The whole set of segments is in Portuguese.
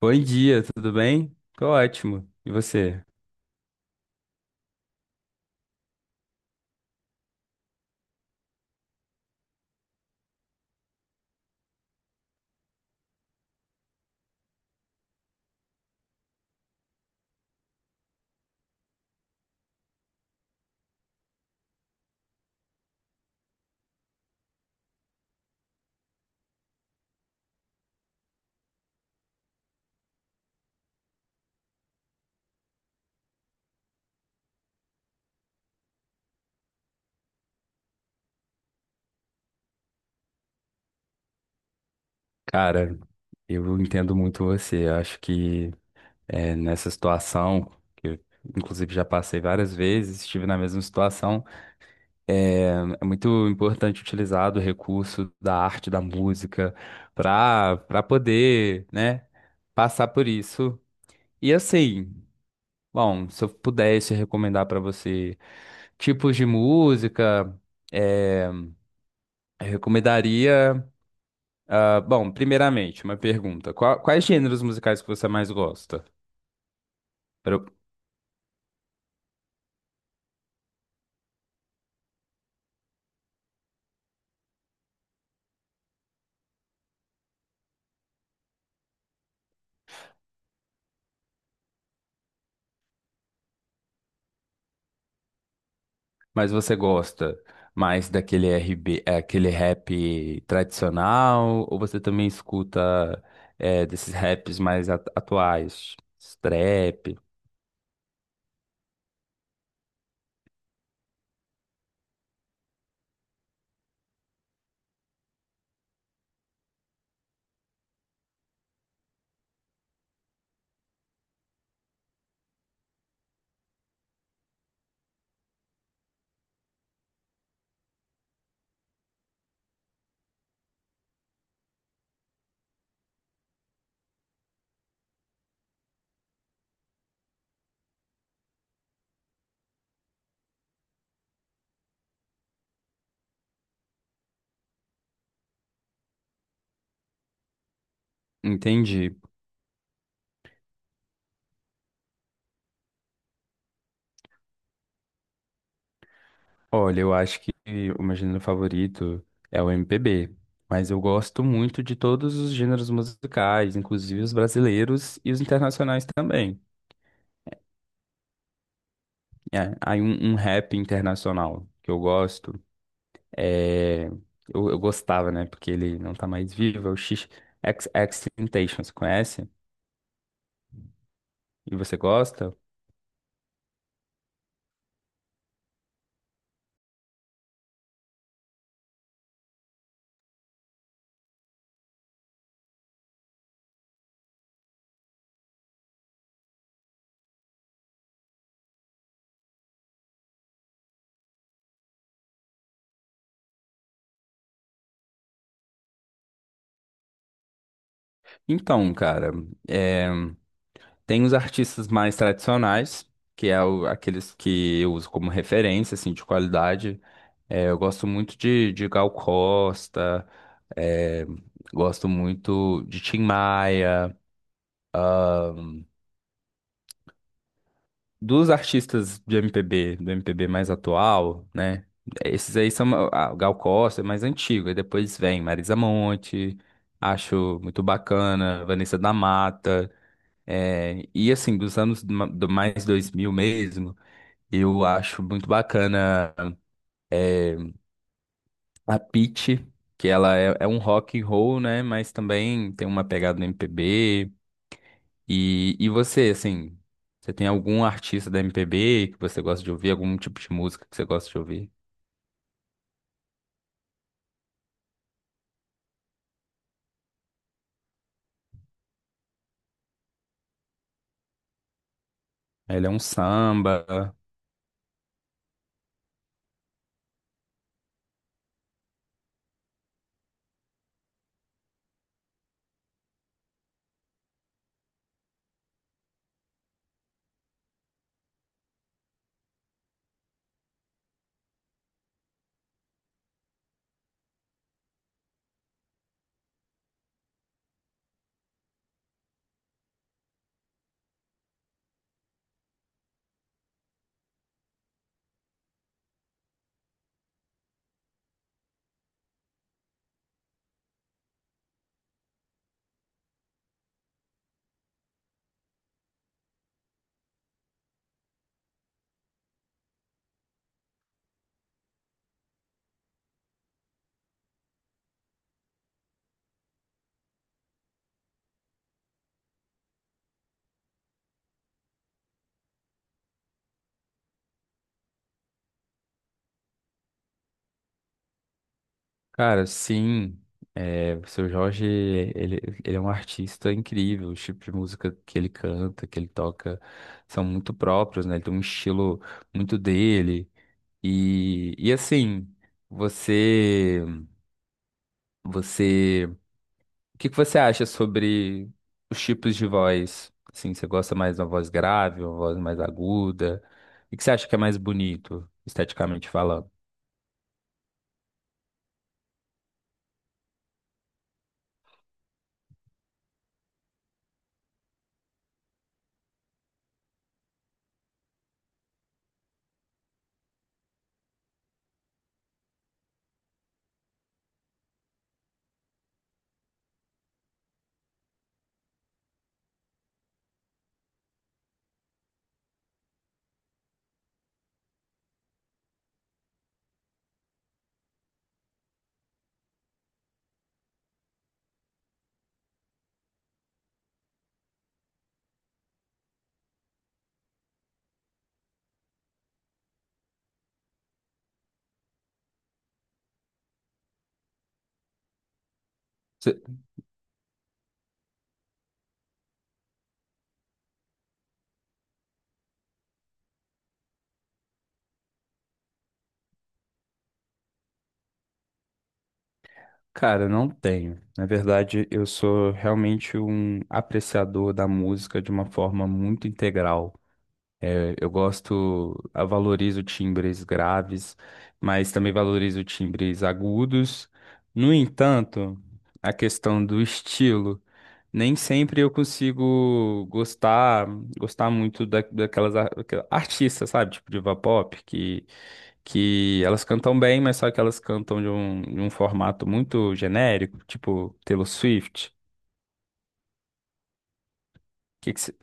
Bom dia, tudo bem? Tô ótimo. E você? Cara, eu entendo muito você. Eu acho que nessa situação, que eu, inclusive já passei várias vezes, estive na mesma situação, é é muito importante utilizar do recurso da arte, da música, para poder, né, passar por isso. E assim, bom, se eu pudesse recomendar para você tipos de música, é, eu recomendaria. Ah, bom, primeiramente, uma pergunta. Quais gêneros musicais que você mais gosta? Pro- Mas você gosta mais daquele RB, aquele rap tradicional, ou você também escuta desses raps mais atuais? Trap? Entendi. Olha, eu acho que o meu gênero favorito é o MPB, mas eu gosto muito de todos os gêneros musicais, inclusive os brasileiros e os internacionais também. É, aí um rap internacional que eu gosto é. Eu gostava, né? Porque ele não tá mais vivo, é o X XXXTentacion, você conhece? E você gosta? Então, cara, é, tem os artistas mais tradicionais, que é aqueles que eu uso como referência, assim, de qualidade. É, eu gosto muito de Gal Costa, é, gosto muito de Tim Maia. Dos artistas de MPB, do MPB mais atual, né? Esses aí são ah, o Gal Costa, é mais antigo. Aí depois vem Marisa Monte, acho muito bacana, Vanessa da Mata. É, e assim, dos anos do mais 2000 mesmo, eu acho muito bacana a Pitty, que ela é, é um rock and roll, né? Mas também tem uma pegada no MPB. E você, assim, você tem algum artista da MPB que você gosta de ouvir? Algum tipo de música que você gosta de ouvir? Ele é um samba. Cara, sim. É, o seu Jorge, ele é um artista incrível. Os tipos de música que ele canta, que ele toca, são muito próprios, né? Ele tem um estilo muito dele. E assim, você. Você, o que que você acha sobre os tipos de voz? Assim, você gosta mais de uma voz grave, uma voz mais aguda? O que que você acha que é mais bonito, esteticamente falando? Cê- Cara, não tenho. Na verdade, eu sou realmente um apreciador da música de uma forma muito integral. É, eu gosto, eu valorizo timbres graves, mas também valorizo timbres agudos. No entanto, a questão do estilo. Nem sempre eu consigo gostar, gostar muito da, daquelas artistas, sabe? Tipo diva pop, que elas cantam bem, mas só que elas cantam de um formato muito genérico, tipo Taylor Swift. Que que cê-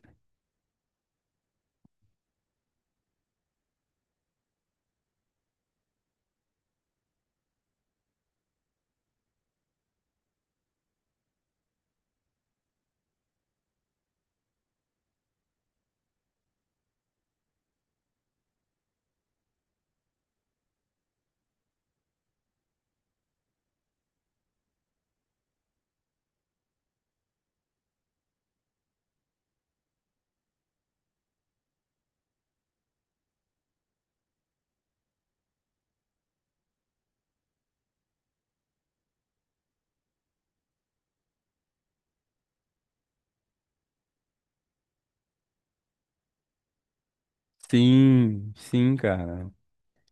Sim, sim, cara.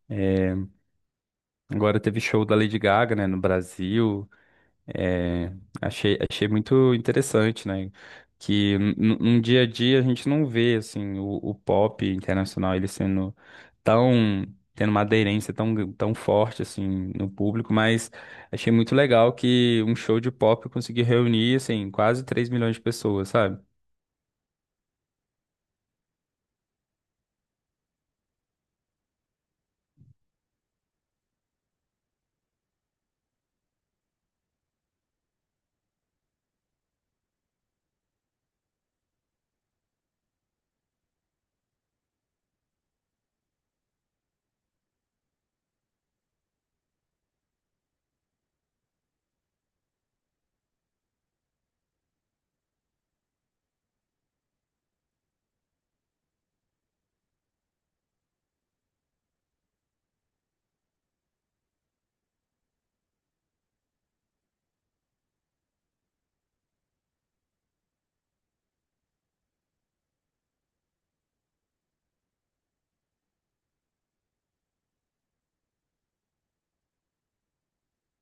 É, agora teve show da Lady Gaga, né, no Brasil. É, achei, achei muito interessante, né? Que num dia a dia a gente não vê assim o pop internacional ele sendo tão tendo uma aderência tão forte assim no público, mas achei muito legal que um show de pop conseguiu reunir assim quase 3 milhões de pessoas, sabe?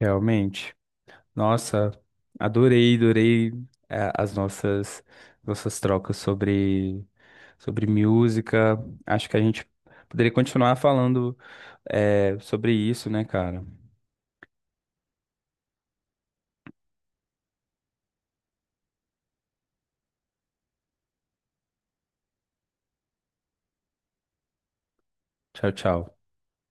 Realmente. Nossa, adorei, adorei as nossas nossas trocas sobre música. Acho que a gente poderia continuar falando sobre isso, né, cara? Tchau, tchau.